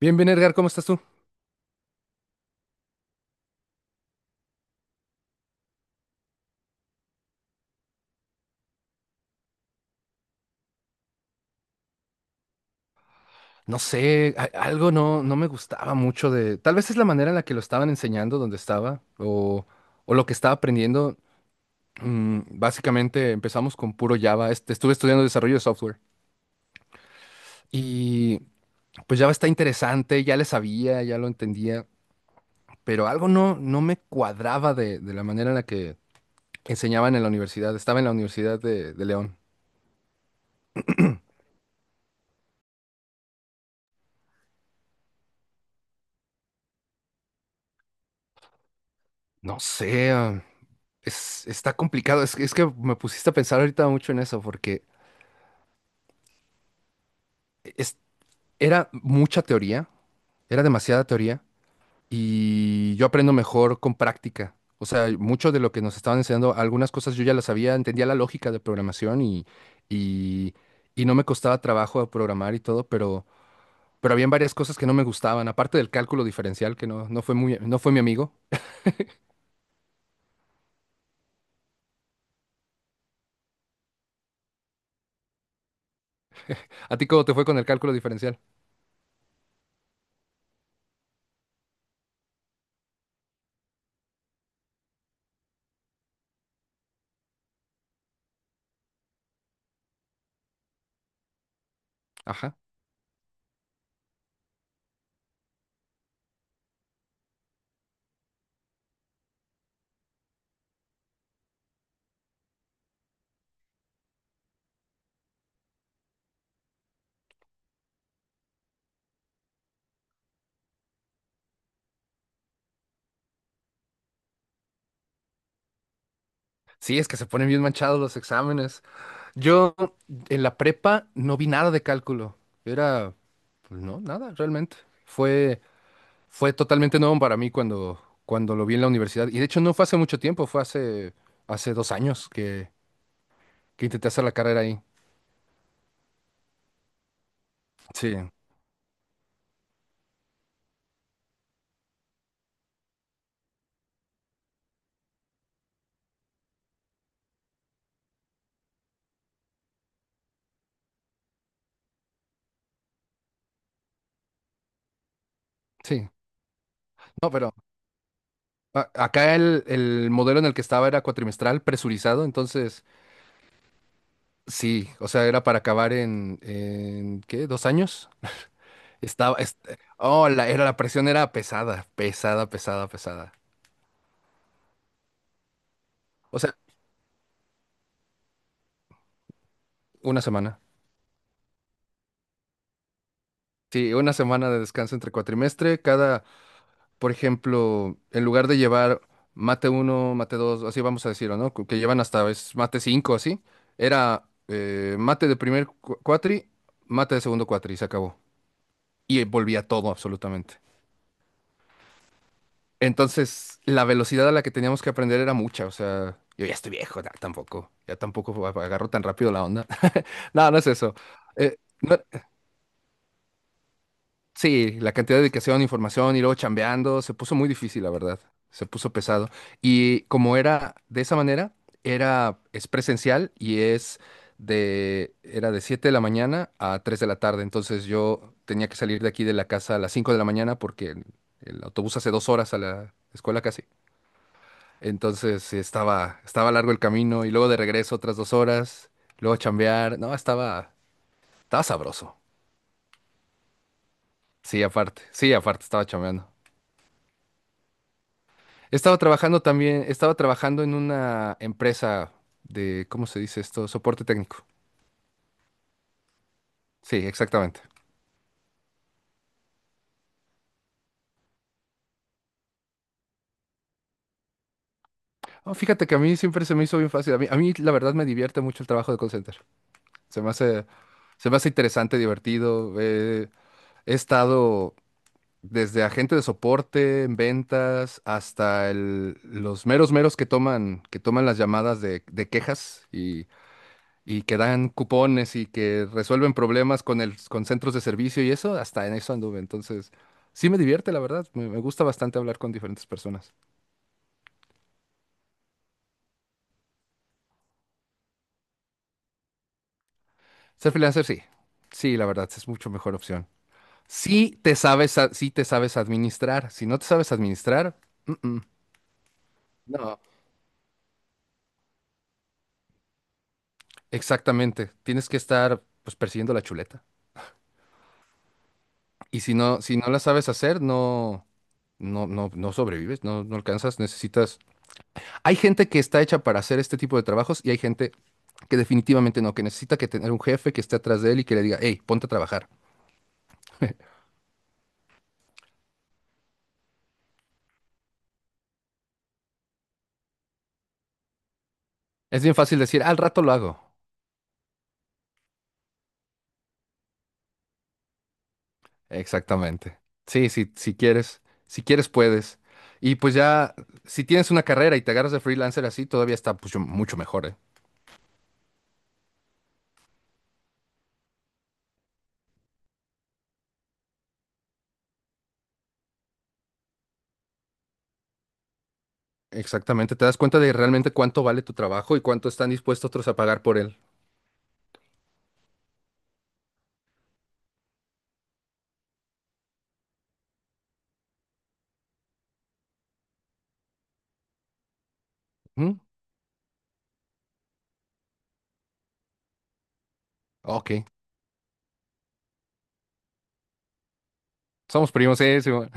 Bien, bien, Edgar, ¿cómo estás tú? No sé, algo no me gustaba mucho de. Tal vez es la manera en la que lo estaban enseñando donde estaba o lo que estaba aprendiendo. Básicamente empezamos con puro Java. Estuve estudiando desarrollo de software y pues Java está interesante, ya le sabía, ya lo entendía, pero algo no me cuadraba de la manera en la que enseñaban en la universidad. Estaba en la Universidad de León. No sé, es, está complicado. Es que me pusiste a pensar ahorita mucho en eso porque… Era mucha teoría, era demasiada teoría y yo aprendo mejor con práctica. O sea, mucho de lo que nos estaban enseñando, algunas cosas yo ya las sabía, entendía la lógica de programación y, y no me costaba trabajo programar y todo, pero habían varias cosas que no me gustaban, aparte del cálculo diferencial, que no, no fue muy, no fue mi amigo. ¿A ti cómo te fue con el cálculo diferencial? Ajá. Sí, es que se ponen bien manchados los exámenes. Yo en la prepa no vi nada de cálculo. Era, pues no, nada realmente. Fue Fue totalmente nuevo para mí cuando, cuando lo vi en la universidad. Y de hecho no fue hace mucho tiempo, fue hace, hace 2 años que intenté hacer la carrera ahí. Sí, sí. No, pero acá el modelo en el que estaba era cuatrimestral, presurizado, entonces sí, o sea, era para acabar en, ¿en qué? ¿2 años? Estaba, oh, la, era, la presión era pesada, pesada, pesada, pesada. O sea, una semana. Sí, una semana de descanso entre cuatrimestre, cada, por ejemplo, en lugar de llevar mate uno mate 2 así vamos a decirlo, ¿no? Que llevan hasta a veces mate 5 así, era mate de primer cuatri, mate de segundo cuatri, y se acabó. Y volvía todo absolutamente. Entonces, la velocidad a la que teníamos que aprender era mucha, o sea, yo ya estoy viejo, ya tampoco agarro tan rápido la onda. No, no es eso. Eh, no- Sí, la cantidad de dedicación, información y luego chambeando, se puso muy difícil, la verdad. Se puso pesado. Y como era de esa manera, era, es presencial y es de, era de 7 de la mañana a 3 de la tarde. Entonces yo tenía que salir de aquí de la casa a las 5 de la mañana porque el autobús hace 2 horas a la escuela casi. Entonces sí, estaba, estaba largo el camino y luego de regreso otras 2 horas, luego chambear. No, estaba, estaba sabroso. Sí, aparte, estaba chambeando. Estaba trabajando también, estaba trabajando en una empresa de, ¿cómo se dice esto? Soporte técnico. Sí, exactamente. Ah, fíjate que a mí siempre se me hizo bien fácil. La verdad me divierte mucho el trabajo de call center. Se me hace, se me hace interesante, divertido. He estado desde agente de soporte en ventas hasta los meros meros que toman las llamadas de quejas y que dan cupones y que resuelven problemas con el, con centros de servicio y eso, hasta en eso anduve. Entonces, sí me divierte, la verdad. Me gusta bastante hablar con diferentes personas. Ser freelancer, sí. Sí, la verdad, es mucho mejor opción. Si te sabes, sí te sabes administrar. Si no te sabes administrar, mm, mm, no, exactamente. Tienes que estar, pues, persiguiendo la chuleta. Y si no, si no la sabes hacer, no sobrevives, no, no alcanzas, necesitas. Hay gente que está hecha para hacer este tipo de trabajos y hay gente que definitivamente no, que necesita que tener un jefe que esté atrás de él y que le diga, hey, ponte a trabajar. Es bien fácil decir, al rato lo hago. Exactamente. Sí, sí, si quieres, si quieres puedes. Y pues ya, si tienes una carrera y te agarras de freelancer así, todavía está pues, mucho mejor, ¿eh? Exactamente, te das cuenta de realmente cuánto vale tu trabajo y cuánto están dispuestos otros a pagar por él. ¿Mm? Ok, somos primos, sí, sí, bueno.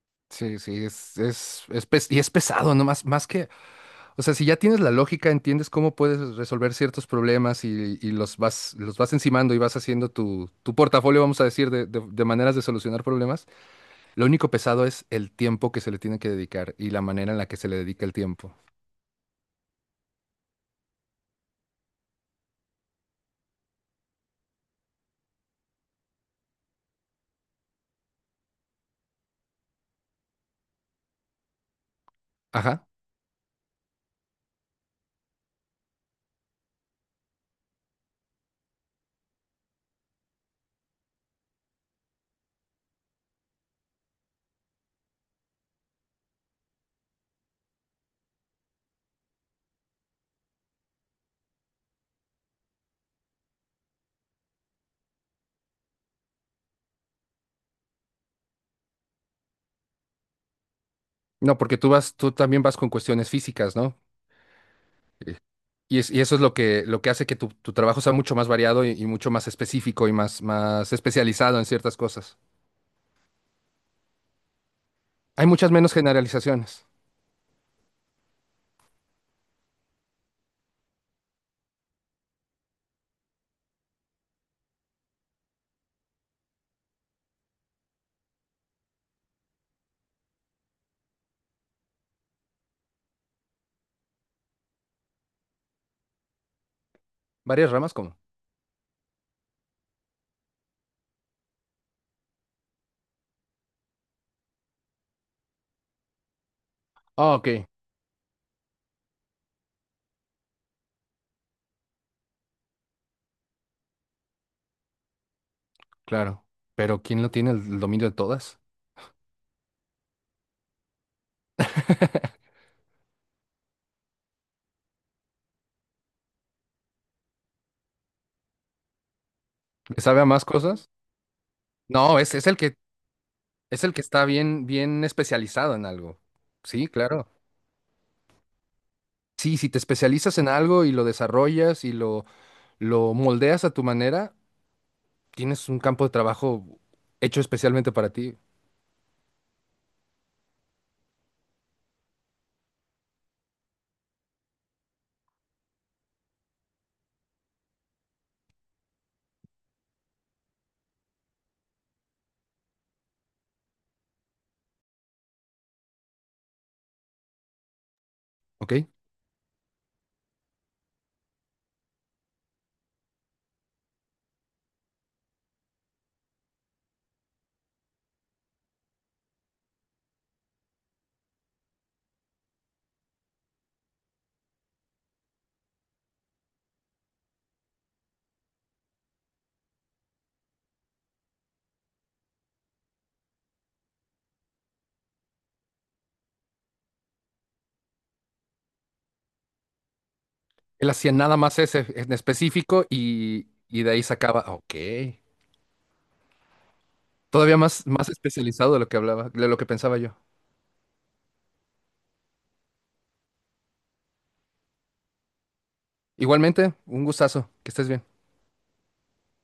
Sí, sí, es y es pesado, ¿no? Más, más que… O sea, si ya tienes la lógica, entiendes cómo puedes resolver ciertos problemas y los vas encimando y vas haciendo tu, tu portafolio, vamos a decir, de maneras de solucionar problemas. Lo único pesado es el tiempo que se le tiene que dedicar y la manera en la que se le dedica el tiempo. Ajá. No, porque tú vas, tú también vas con cuestiones físicas, ¿no? Eh, y eso es lo que hace que tu trabajo sea mucho más variado y mucho más específico y más, más especializado en ciertas cosas. Hay muchas menos generalizaciones. ¿Varias ramas cómo? Ah, ok. Claro, pero ¿quién lo tiene el dominio de todas? ¿Le sabe a más cosas? No, es el que está bien, bien especializado en algo. Sí, claro. Sí, si te especializas en algo y lo desarrollas lo moldeas a tu manera, tienes un campo de trabajo hecho especialmente para ti, ¿ok? Él hacía nada más ese en específico y de ahí sacaba, ah, ok. Todavía más, más especializado de lo que hablaba, de lo que pensaba yo. Igualmente, un gustazo, que estés bien.